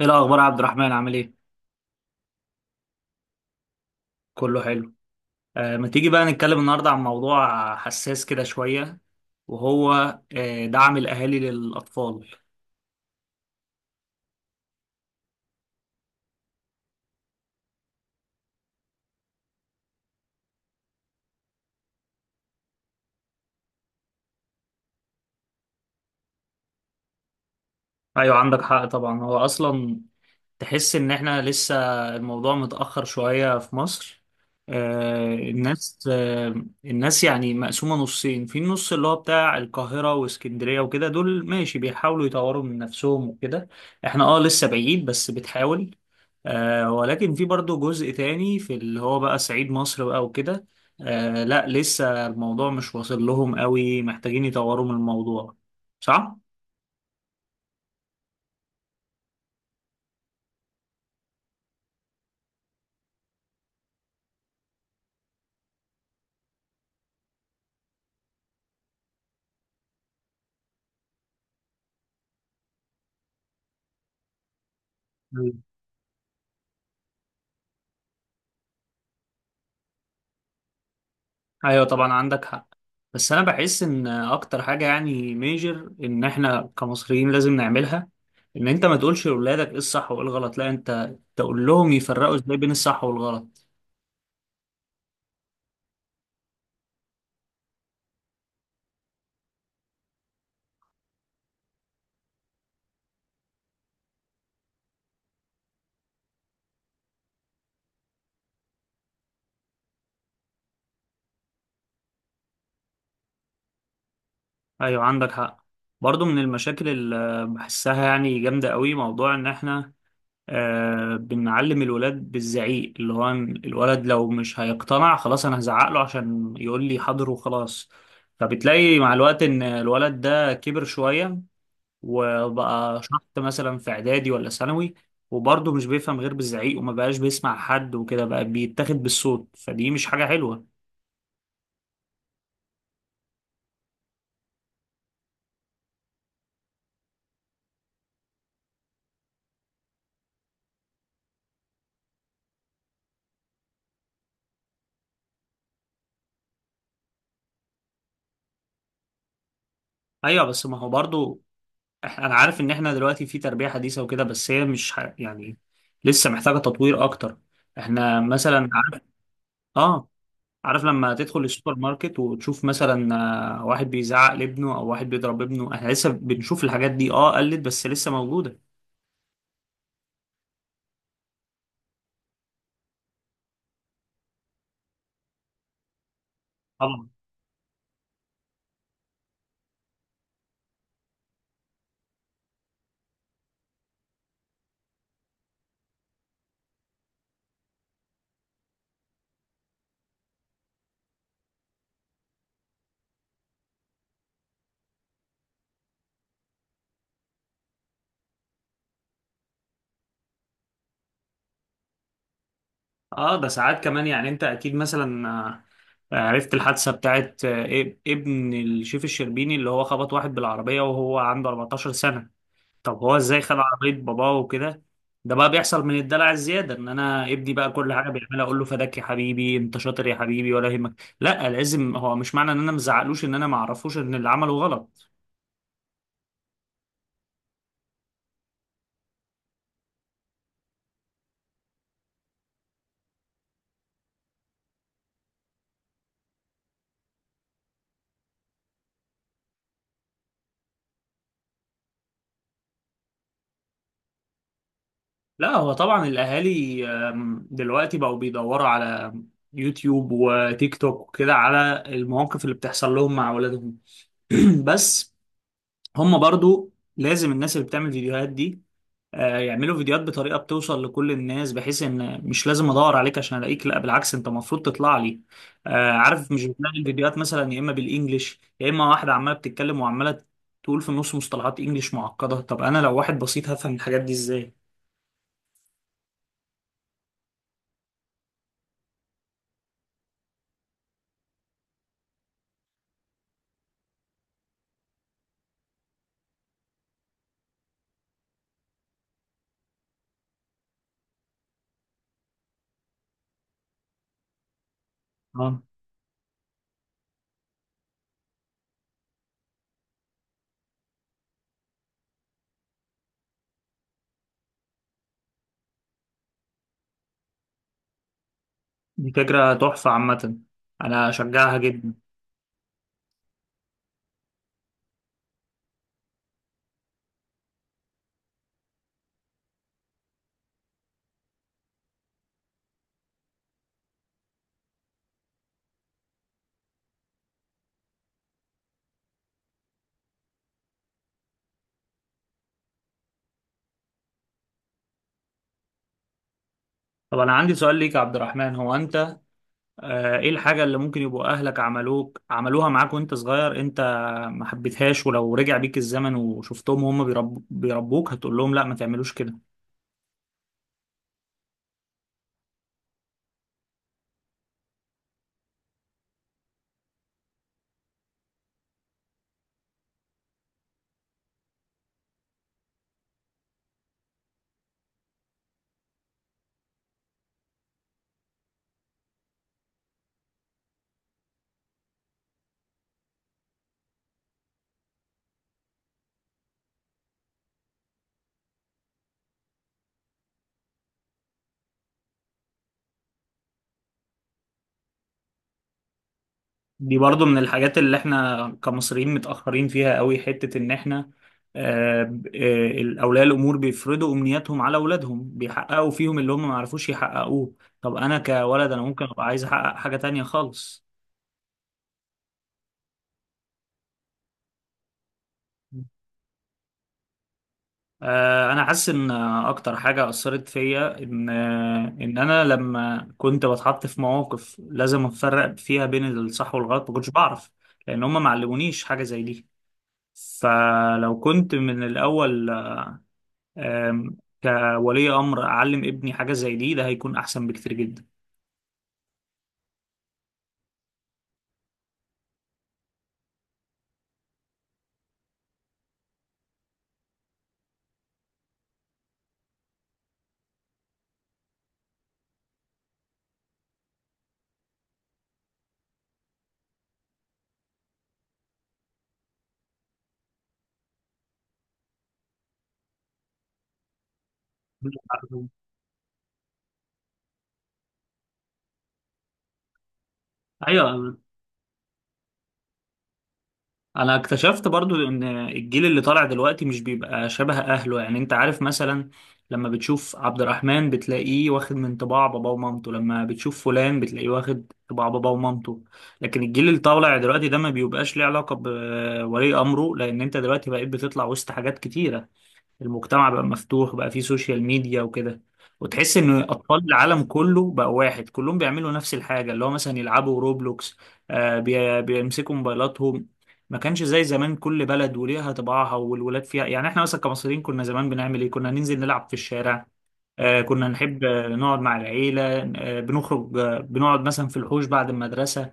ايه الاخبار يا عبد الرحمن؟ عامل ايه؟ كله حلو. ما تيجي بقى نتكلم النهارده عن موضوع حساس كده شويه، وهو دعم الاهالي للاطفال. ايوه عندك حق طبعا، هو اصلا تحس ان احنا لسه الموضوع متأخر شوية في مصر. الناس يعني مقسومة نصين، في النص اللي هو بتاع القاهرة واسكندرية وكده، دول ماشي بيحاولوا يطوروا من نفسهم وكده. احنا لسه بعيد بس بتحاول. ولكن في برضو جزء تاني في اللي هو بقى صعيد مصر بقى وكده. لا لسه الموضوع مش واصل لهم قوي، محتاجين يطوروا من الموضوع. صح؟ ايوه طبعا عندك حق. بس انا بحس ان اكتر حاجه يعني ميجر ان احنا كمصريين لازم نعملها، ان انت ما تقولش لاولادك ايه الصح وايه الغلط، لا انت تقول لهم يفرقوا ازاي بين الصح والغلط. ايوه عندك حق. برضو من المشاكل اللي بحسها يعني جامده قوي موضوع ان احنا بنعلم الولاد بالزعيق، اللي هو إن الولد لو مش هيقتنع خلاص انا هزعق له عشان يقول لي حاضر وخلاص. فبتلاقي مع الوقت ان الولد ده كبر شويه وبقى شحط مثلا في اعدادي ولا ثانوي، وبرضه مش بيفهم غير بالزعيق وما بقاش بيسمع حد وكده، بقى بيتاخد بالصوت، فدي مش حاجة حلوة. ايوه بس ما هو برضه. انا عارف ان احنا دلوقتي في تربية حديثة وكده، بس هي مش يعني لسه محتاجة تطوير اكتر. احنا مثلا عارف. اه، عارف لما تدخل السوبر ماركت وتشوف مثلا واحد بيزعق لابنه او واحد بيضرب ابنه، احنا لسه بنشوف الحاجات دي. اه قلت بس لسه موجودة. طبعا. اه ده ساعات كمان، يعني انت اكيد مثلا عرفت الحادثة بتاعت ابن الشيف الشربيني، اللي هو خبط واحد بالعربية وهو عنده 14 سنة. طب هو ازاي خد عربية باباه وكده؟ ده بقى بيحصل من الدلع الزيادة، ان انا ابني بقى كل حاجة بيعملها اقول له فداك يا حبيبي انت شاطر يا حبيبي ولا يهمك. لا لازم، هو مش معنى ان انا مزعقلوش ان انا معرفوش ان اللي عمله غلط. لا هو طبعا الاهالي دلوقتي بقوا بيدوروا على يوتيوب وتيك توك وكده، على المواقف اللي بتحصل لهم مع اولادهم. بس هم برضو لازم الناس اللي بتعمل فيديوهات دي يعملوا فيديوهات بطريقة بتوصل لكل الناس، بحيث ان مش لازم ادور عليك عشان الاقيك، لا بالعكس انت المفروض تطلع لي. عارف مش بتلاقي الفيديوهات مثلا يا اما بالانجلش يا اما واحدة عمالة بتتكلم وعمالة تقول في النص مصطلحات انجلش معقدة. طب انا لو واحد بسيط هفهم الحاجات دي ازاي؟ اه. دي فكرة تحفة عامة، انا اشجعها جدا. طب انا عندي سؤال ليك يا عبد الرحمن، هو انت ايه الحاجة اللي ممكن يبقوا اهلك عملوك عملوها معاك وانت صغير انت ما حبيتهاش، ولو رجع بيك الزمن وشفتهم وهم بيربوك هتقول لهم لا ما تعملوش كده؟ دي برضو من الحاجات اللي احنا كمصريين متأخرين فيها قوي، حتة ان احنا آه، ب- اولياء الامور بيفرضوا امنياتهم على اولادهم، بيحققوا فيهم اللي هم ما عرفوش يحققوه. طب انا كولد انا ممكن ابقى عايز احقق حاجة تانية خالص. انا حاسس ان اكتر حاجه اثرت فيا، ان ان انا لما كنت بتحط في مواقف لازم افرق فيها بين الصح والغلط ما كنتش بعرف، لان هم ما علمونيش حاجه زي دي. فلو كنت من الاول آم، كولي امر اعلم ابني حاجه زي دي، ده هيكون احسن بكتير جدا. ايوه انا اكتشفت برضو ان الجيل اللي طالع دلوقتي مش بيبقى شبه اهله. يعني انت عارف مثلا لما بتشوف عبد الرحمن بتلاقيه واخد من طباع بابا ومامته، لما بتشوف فلان بتلاقيه واخد طباع بابا ومامته. لكن الجيل اللي طالع دلوقتي ده ما بيبقاش ليه علاقة بولي امره، لان انت دلوقتي بقيت بتطلع وسط حاجات كتيرة. المجتمع بقى مفتوح، بقى فيه سوشيال ميديا وكده، وتحس ان اطفال العالم كله بقى واحد كلهم بيعملوا نفس الحاجه، اللي هو مثلا يلعبوا روبلوكس، بيمسكوا موبايلاتهم. ما كانش زي زمان كل بلد وليها طباعها والولاد فيها. يعني احنا مثلا كمصريين كنا زمان بنعمل ايه؟ كنا ننزل نلعب في الشارع، كنا نحب نقعد مع العيله، بنخرج، بنقعد مثلا في الحوش بعد المدرسه.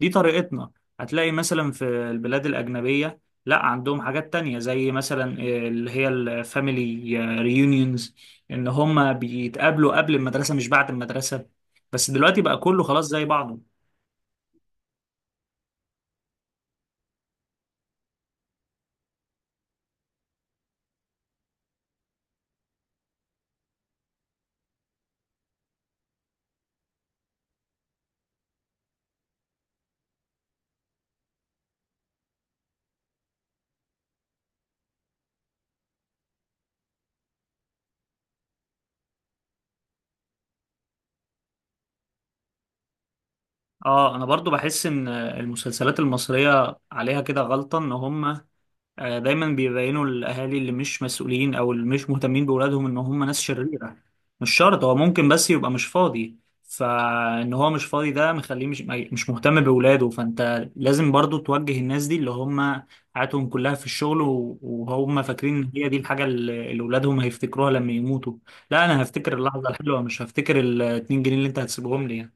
دي طريقتنا. هتلاقي مثلا في البلاد الأجنبية لا عندهم حاجات تانية، زي مثلا اللي هي الفاميلي ريونيونز، إن هما بيتقابلوا قبل المدرسة مش بعد المدرسة. بس دلوقتي بقى كله خلاص زي بعضه. اه انا برضو بحس ان المسلسلات المصرية عليها كده غلطة، ان هم دايما بيبينوا الاهالي اللي مش مسؤولين او اللي مش مهتمين باولادهم ان هم ناس شريره. مش شرط، هو ممكن بس يبقى مش فاضي، فان هو مش فاضي ده مخليه مش مهتم باولاده. فانت لازم برضو توجه الناس دي اللي هم حياتهم كلها في الشغل، وهم فاكرين ان هي دي الحاجه اللي اولادهم هيفتكروها لما يموتوا. لا انا هفتكر اللحظه الحلوه، مش هفتكر ال 2 جنيه اللي انت هتسيبهم لي يعني.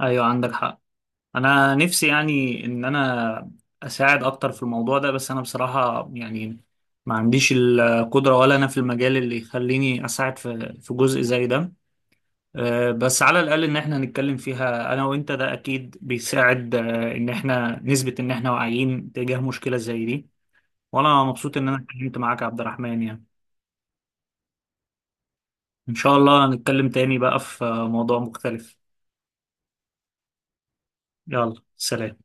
ايوه عندك حق. انا نفسي يعني ان انا اساعد اكتر في الموضوع ده، بس انا بصراحة يعني ما عنديش القدرة ولا انا في المجال اللي يخليني اساعد في جزء زي ده. بس على الاقل ان احنا نتكلم فيها انا وانت ده اكيد بيساعد، ان احنا نثبت ان احنا واعيين تجاه مشكلة زي دي. وانا مبسوط ان انا اتكلمت معاك يا عبد الرحمن يعني. ان شاء الله نتكلم تاني بقى في موضوع مختلف. يلا سلام.